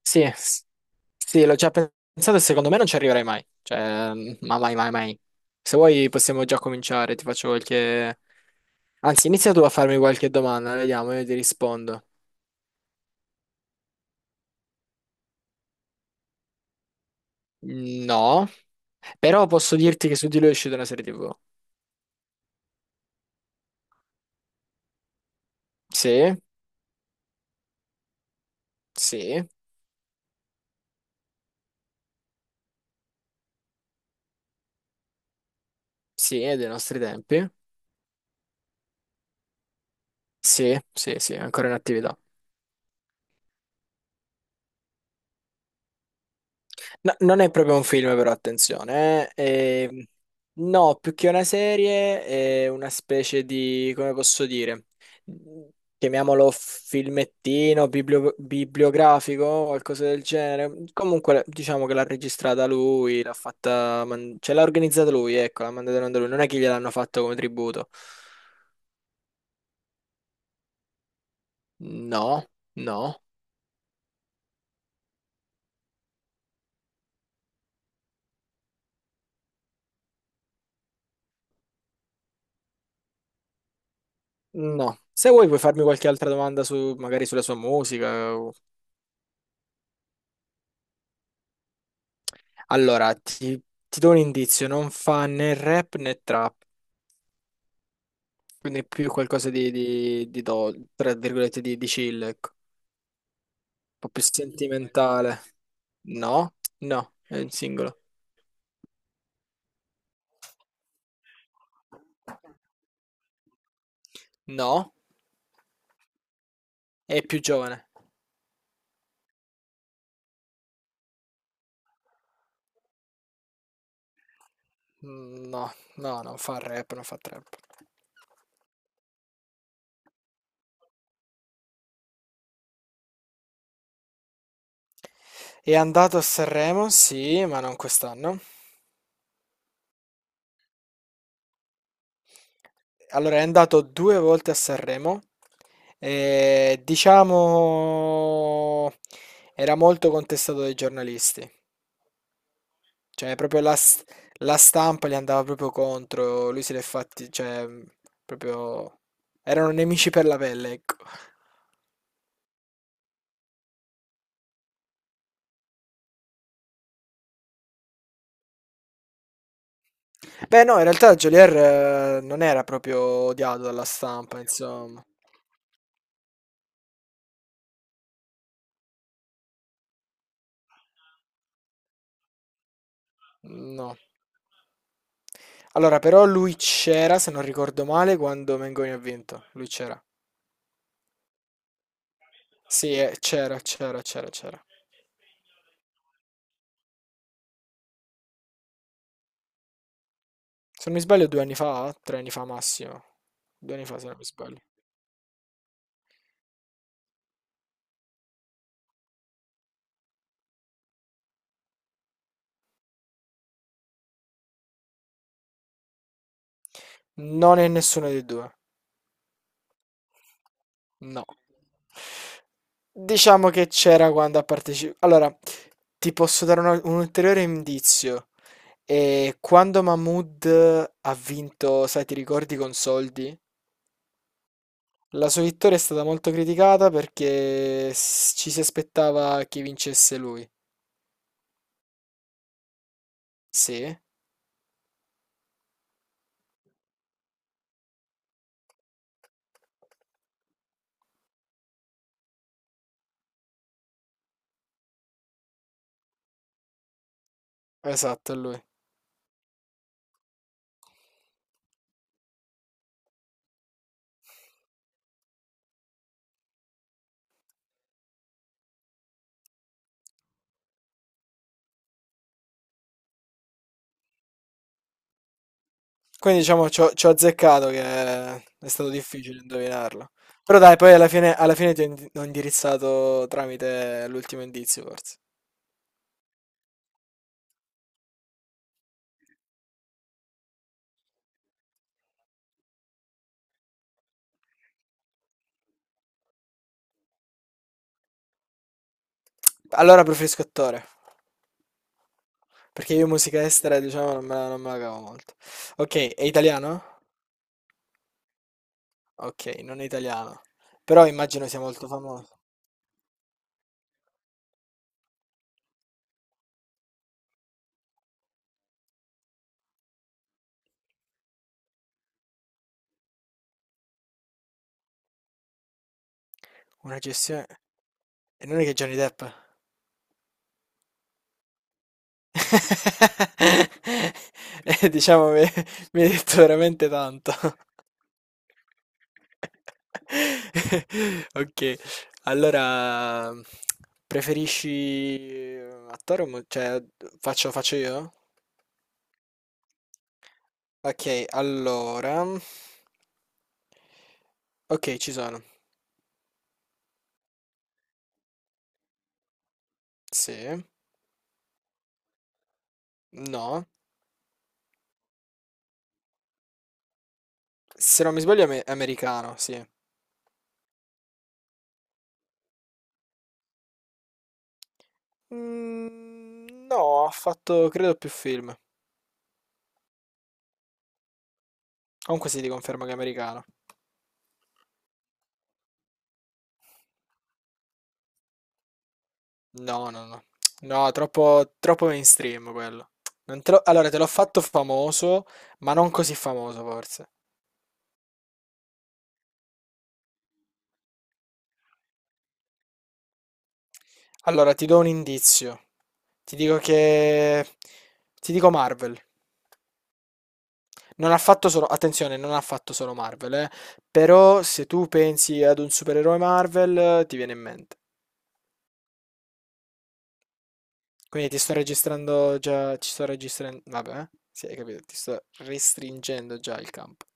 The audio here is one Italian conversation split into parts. Sì, sì, l'ho già pensato e secondo me non ci arriverai mai. Ma mai, mai, mai. Se vuoi possiamo già cominciare, ti faccio qualche. Anzi, inizia tu a farmi qualche domanda, vediamo, io ti rispondo. No, però posso dirti che su di lui è uscita una serie TV. Sì, sì, sì, è dei nostri tempi. Sì, sì, sì, è ancora in attività. No, non è proprio un film, però attenzione. No, più che una serie, è una specie di, come posso dire, chiamiamolo filmettino, bibliografico, qualcosa del genere. Comunque, diciamo che l'ha registrata lui, l'ha fatta, cioè l'ha organizzata lui, ecco, l'ha mandata in onda lui. Non è che gliel'hanno fatto come tributo. No, no, no. Se vuoi puoi farmi qualche altra domanda su, magari sulla sua musica. Allora, ti, ti do un indizio, non fa né rap né trap, quindi è più qualcosa tra virgolette, di chill, ecco. Un po' più sentimentale. No, no, è un singolo. No, è più giovane. No, no, non fa rap, non fa trap. È andato a Sanremo, sì, ma non quest'anno. Allora, è andato due volte a Sanremo. E, diciamo, era molto contestato dai giornalisti. Cioè, proprio la, s- la stampa gli andava proprio contro. Lui se l'è fatti, cioè, proprio. Erano nemici per la pelle, ecco. Beh, no, in realtà Geolier non era proprio odiato dalla stampa, insomma. No. Allora, però lui c'era, se non ricordo male, quando Mengoni ha vinto. Lui c'era. Sì, c'era, c'era, c'era, c'era. Se non mi sbaglio, due anni fa, tre anni fa massimo. Due anni fa, se non mi sbaglio. Non è nessuno dei due. No. Diciamo che c'era quando ha partecipato. Allora, ti posso dare un ulteriore indizio. E quando Mahmood ha vinto, sai, ti ricordi con soldi? La sua vittoria è stata molto criticata perché ci si aspettava che vincesse lui. Sì, esatto, è lui. Quindi diciamo ci ho azzeccato che è stato difficile indovinarlo. Però dai, poi alla fine ti ho ho indirizzato tramite l'ultimo indizio, forse. Allora preferisco attore, perché io musica estera, diciamo, non me la cavo molto. Ok, è italiano? Ok, non è italiano. Però immagino sia molto famoso. Una gestione. E non è che Johnny Depp? Diciamo, mi hai detto veramente tanto. Ok, allora preferisci attore o cioè faccio io? Ok, allora. Ok, ci sono. Sì. No. Se non mi sbaglio è americano, sì. No, ha fatto credo più film. Comunque si ti conferma che è americano. No, no, no. No, troppo, troppo mainstream quello. Non te lo- Allora, te l'ho fatto famoso, ma non così famoso forse. Allora, ti do un indizio. Ti dico che. Ti dico Marvel. Non ha fatto solo. Attenzione, non ha fatto solo Marvel, eh. Però se tu pensi ad un supereroe Marvel, ti viene in mente. Quindi ti sto registrando già. Ci sto registrando. Vabbè, eh. Sì, hai capito. Ti sto restringendo già il campo.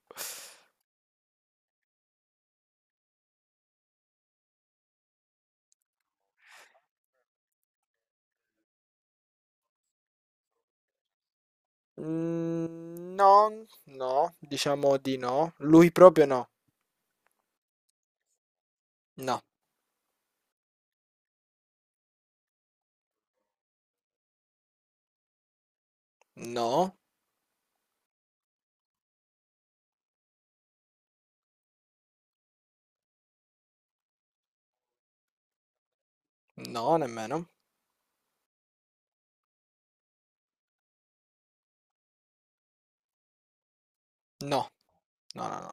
No, no. Diciamo di no. Lui proprio no. No. No. No, nemmeno. No. No, no, no.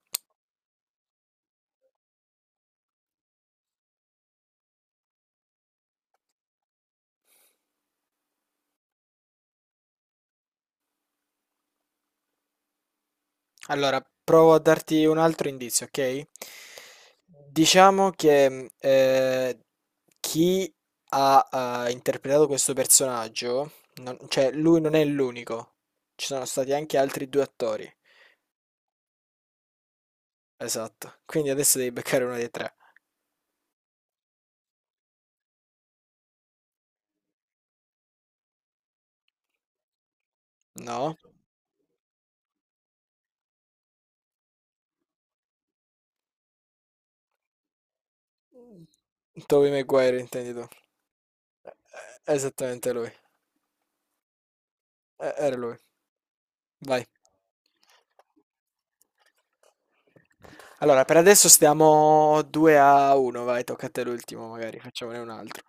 Allora, provo a darti un altro indizio, ok? Diciamo che chi ha interpretato questo personaggio, cioè lui non è l'unico, ci sono stati anche altri due attori. Esatto, quindi adesso devi beccare uno dei tre. No? Tobey Maguire intendi tu? Esattamente lui. Era lui. Vai. Allora, per adesso stiamo 2-1, vai, tocca a te l'ultimo, magari facciamone un altro.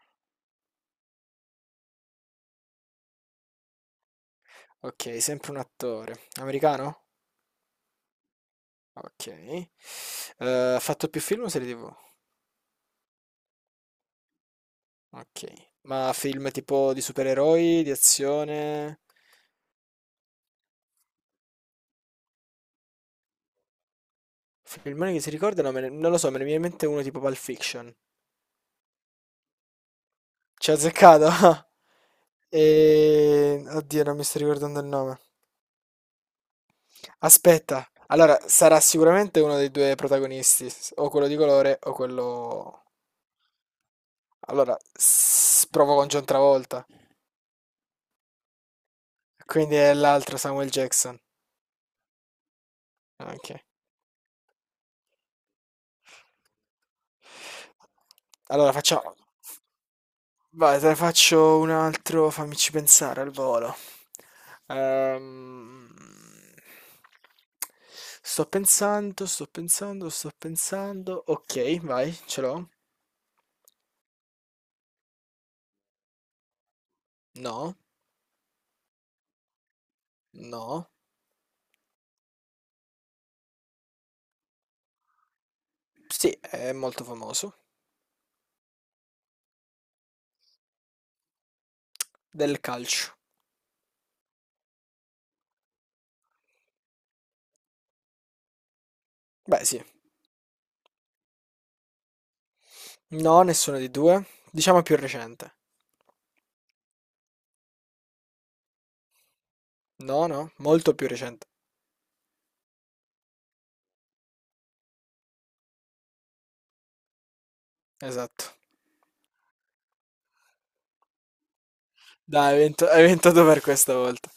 Ok, sempre un attore. Americano? Ok. Ha fatto più film o serie TV? Ok. Ma film tipo di supereroi, di azione? Filmone che si ricordano? Non lo so, me ne viene in mente uno tipo Pulp Fiction. Ci ha azzeccato? E. Oddio, non mi sto ricordando il nome. Aspetta, allora sarà sicuramente uno dei due protagonisti, o quello di colore o quello. Allora, provo con John Travolta, quindi è l'altro Samuel Jackson. Ok. Allora facciamo. Vai, te ne faccio un altro, fammici pensare al volo. Ehm, Sto pensando, sto pensando, sto pensando. Ok, vai, ce l'ho. No, no. Sì, è molto famoso. Del calcio. Beh, sì. No, nessuno dei due. Diciamo più recente. No, no, molto più recente. Esatto. Dai, hai vinto tu per questa volta.